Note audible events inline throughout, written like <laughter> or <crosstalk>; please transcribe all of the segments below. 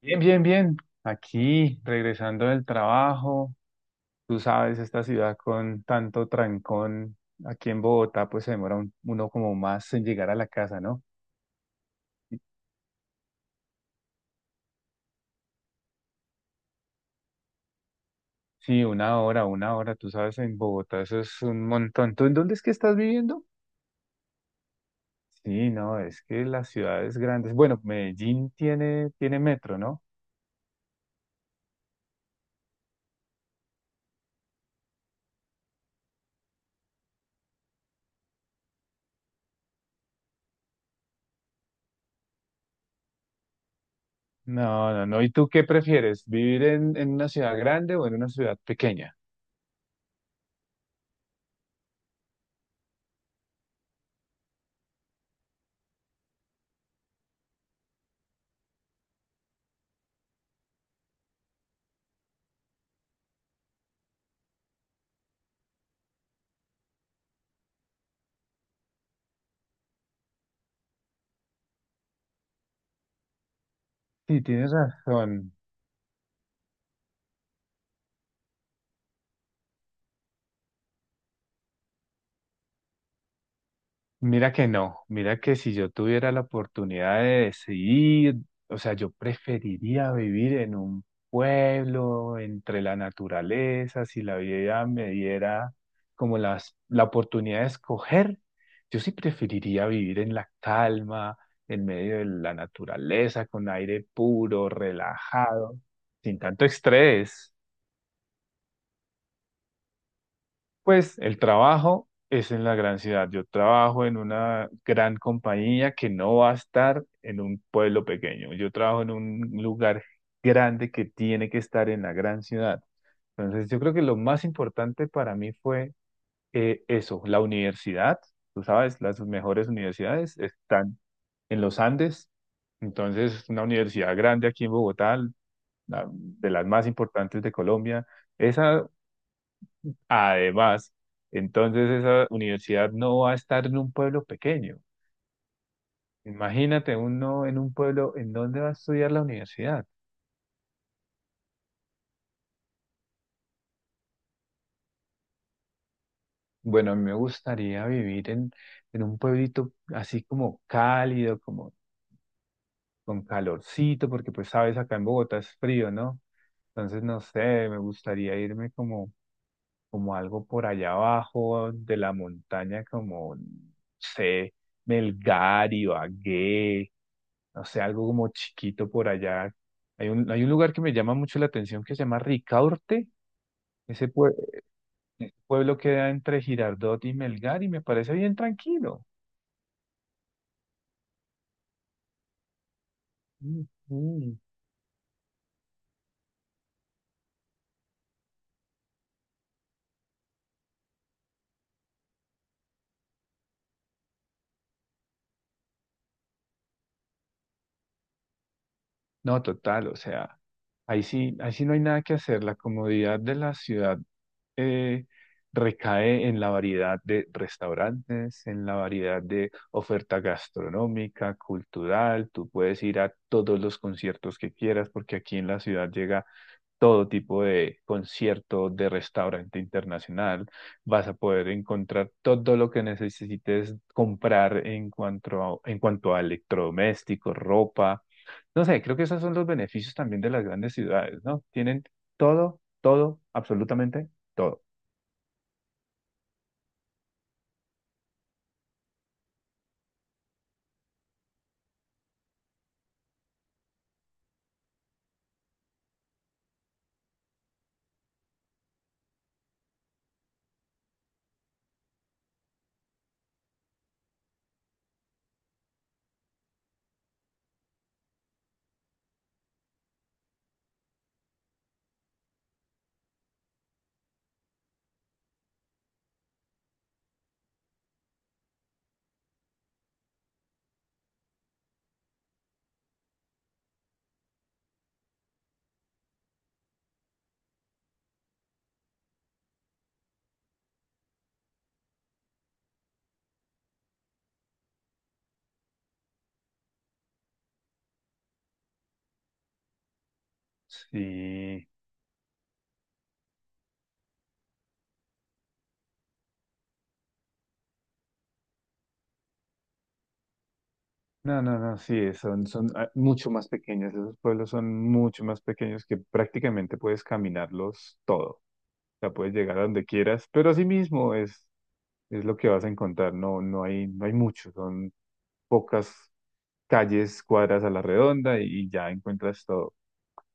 Bien, bien, bien. Aquí, regresando del trabajo, tú sabes, esta ciudad con tanto trancón, aquí en Bogotá, pues se demora uno como más en llegar a la casa, ¿no? Sí, una hora, tú sabes, en Bogotá eso es un montón. ¿Tú en dónde es que estás viviendo? Sí, no, es que las ciudades grandes, bueno, Medellín tiene metro, ¿no? No, no, no. ¿Y tú qué prefieres? ¿Vivir en una ciudad grande o en una ciudad pequeña? Sí, tienes razón. Mira que no, mira que si yo tuviera la oportunidad de decidir, o sea, yo preferiría vivir en un pueblo, entre la naturaleza, si la vida me diera como la oportunidad de escoger, yo sí preferiría vivir en la calma, en medio de la naturaleza, con aire puro, relajado, sin tanto estrés. Pues el trabajo es en la gran ciudad. Yo trabajo en una gran compañía que no va a estar en un pueblo pequeño. Yo trabajo en un lugar grande que tiene que estar en la gran ciudad. Entonces, yo creo que lo más importante para mí fue eso, la universidad. Tú sabes, las mejores universidades están en los Andes. Entonces, una universidad grande aquí en Bogotá, de las más importantes de Colombia. Esa Además, entonces esa universidad no va a estar en un pueblo pequeño. Imagínate uno en un pueblo, ¿en dónde va a estudiar la universidad? Bueno, a mí me gustaría vivir en un pueblito así como cálido, como con calorcito, porque pues sabes, acá en Bogotá es frío, ¿no? Entonces, no sé, me gustaría irme como, como algo por allá abajo de la montaña, como, no sé, Melgar, Ibagué, no sé, algo como chiquito por allá. Hay un lugar que me llama mucho la atención que se llama Ricaurte. Ese, pue- ese pueblo queda entre Girardot y Melgar y me parece bien tranquilo. Ujú. No, total, o sea, ahí sí no hay nada que hacer. La comodidad de la ciudad eh, recae en la variedad de restaurantes, en la variedad de oferta gastronómica, cultural. Tú puedes ir a todos los conciertos que quieras, porque aquí en la ciudad llega todo tipo de concierto, de restaurante internacional. Vas a poder encontrar todo lo que necesites comprar en cuanto a electrodomésticos, ropa. No sé, creo que esos son los beneficios también de las grandes ciudades, ¿no? Tienen todo, todo, absolutamente todo. Sí. No, no, no, sí, son mucho más pequeños, esos pueblos son mucho más pequeños que prácticamente puedes caminarlos todo, o sea, puedes llegar a donde quieras, pero así mismo es lo que vas a encontrar. No, no hay mucho, son pocas calles, cuadras a la redonda y, ya encuentras todo.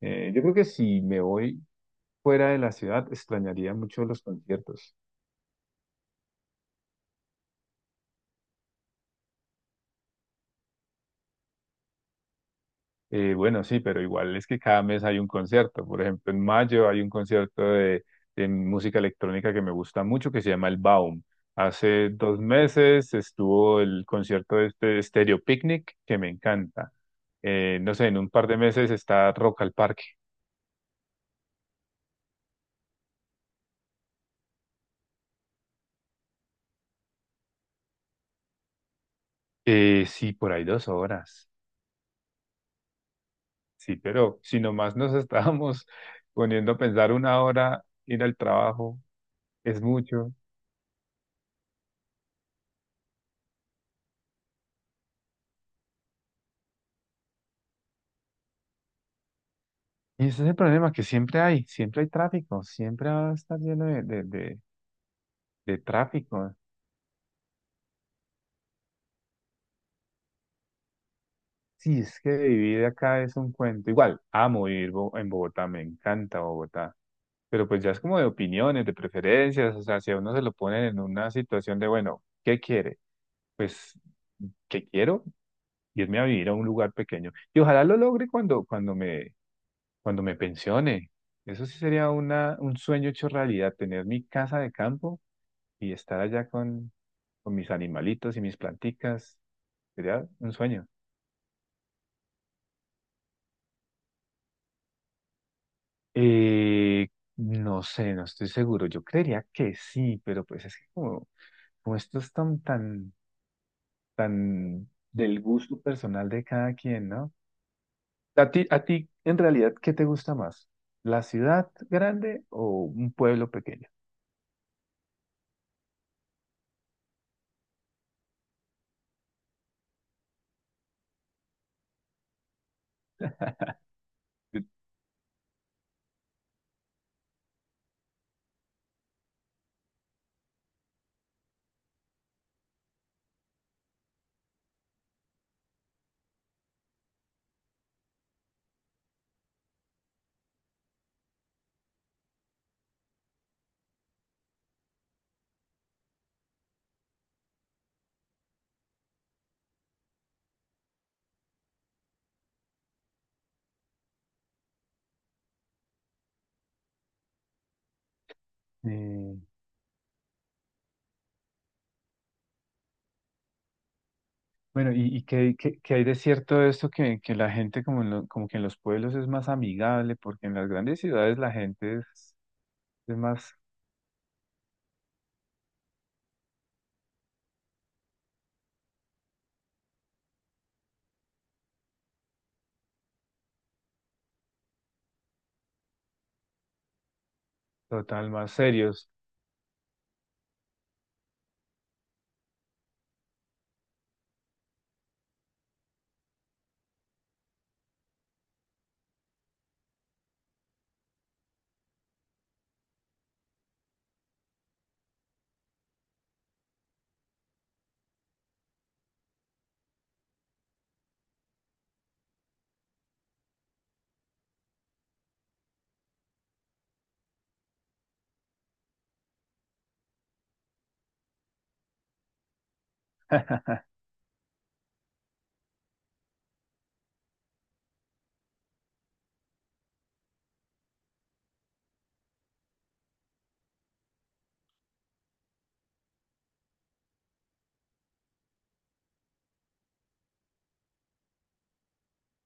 Yo creo que si me voy fuera de la ciudad, extrañaría mucho los conciertos. Bueno, sí, pero igual es que cada mes hay un concierto. Por ejemplo, en mayo hay un concierto de música electrónica que me gusta mucho que se llama el Baum. Hace 2 meses estuvo el concierto de este Stereo Picnic que me encanta no sé, en un par de meses está Rock al Parque. Sí, por ahí 2 horas. Sí, pero si nomás nos <laughs> estábamos poniendo a pensar una hora, ir al trabajo, es mucho. Y ese es el problema que siempre hay tráfico, siempre va a estar lleno de tráfico. Sí, es que vivir acá es un cuento. Igual, amo vivir en Bogotá, me encanta Bogotá. Pero pues ya es como de opiniones, de preferencias, o sea, si a uno se lo ponen en una situación de, bueno, ¿qué quiere? Pues, ¿qué quiero? Irme a vivir a un lugar pequeño. Y ojalá lo logre cuando, cuando me pensione. Eso sí sería una, un sueño hecho realidad, tener mi casa de campo y estar allá con mis animalitos y mis planticas. Sería un sueño. Eh, no sé, no estoy seguro. Yo creería que sí, pero pues es que como, como esto es tan, tan, tan del gusto personal de cada quien, ¿no? A ti, en realidad, ¿qué te gusta más? ¿La ciudad grande o un pueblo pequeño? Eh, bueno, ¿y qué, qué hay de cierto de esto que, la gente como, como que en los pueblos es más amigable, porque en las grandes ciudades la gente es más total, más serio.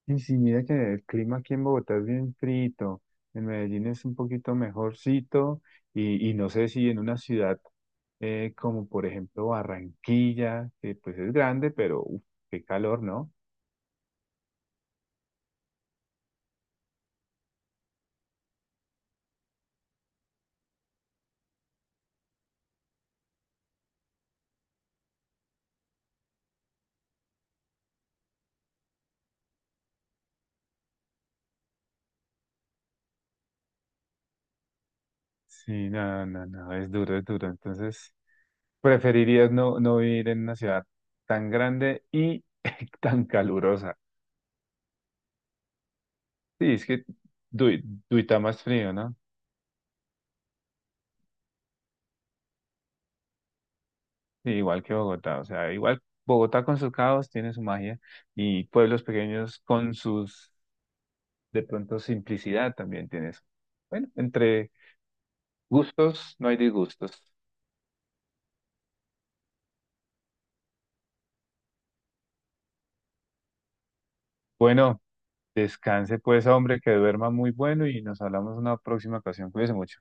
Y sí, mira que el clima aquí en Bogotá es bien frito, en Medellín es un poquito mejorcito y no sé si en una ciudad como por ejemplo Barranquilla, que pues es grande, pero uf, qué calor, ¿no? Sí, no, no, no, es duro, es duro. Entonces, preferirías no, no vivir en una ciudad tan grande y <laughs> tan calurosa. Sí, es que Dui- Duitama es frío, ¿no? Sí, igual que Bogotá, o sea, igual Bogotá con sus caos tiene su magia y pueblos pequeños con sus, de pronto, simplicidad también tiene su. Bueno, entre gustos no hay disgustos. Bueno, descanse pues, hombre, que duerma muy bueno y nos hablamos en una próxima ocasión. Cuídese mucho.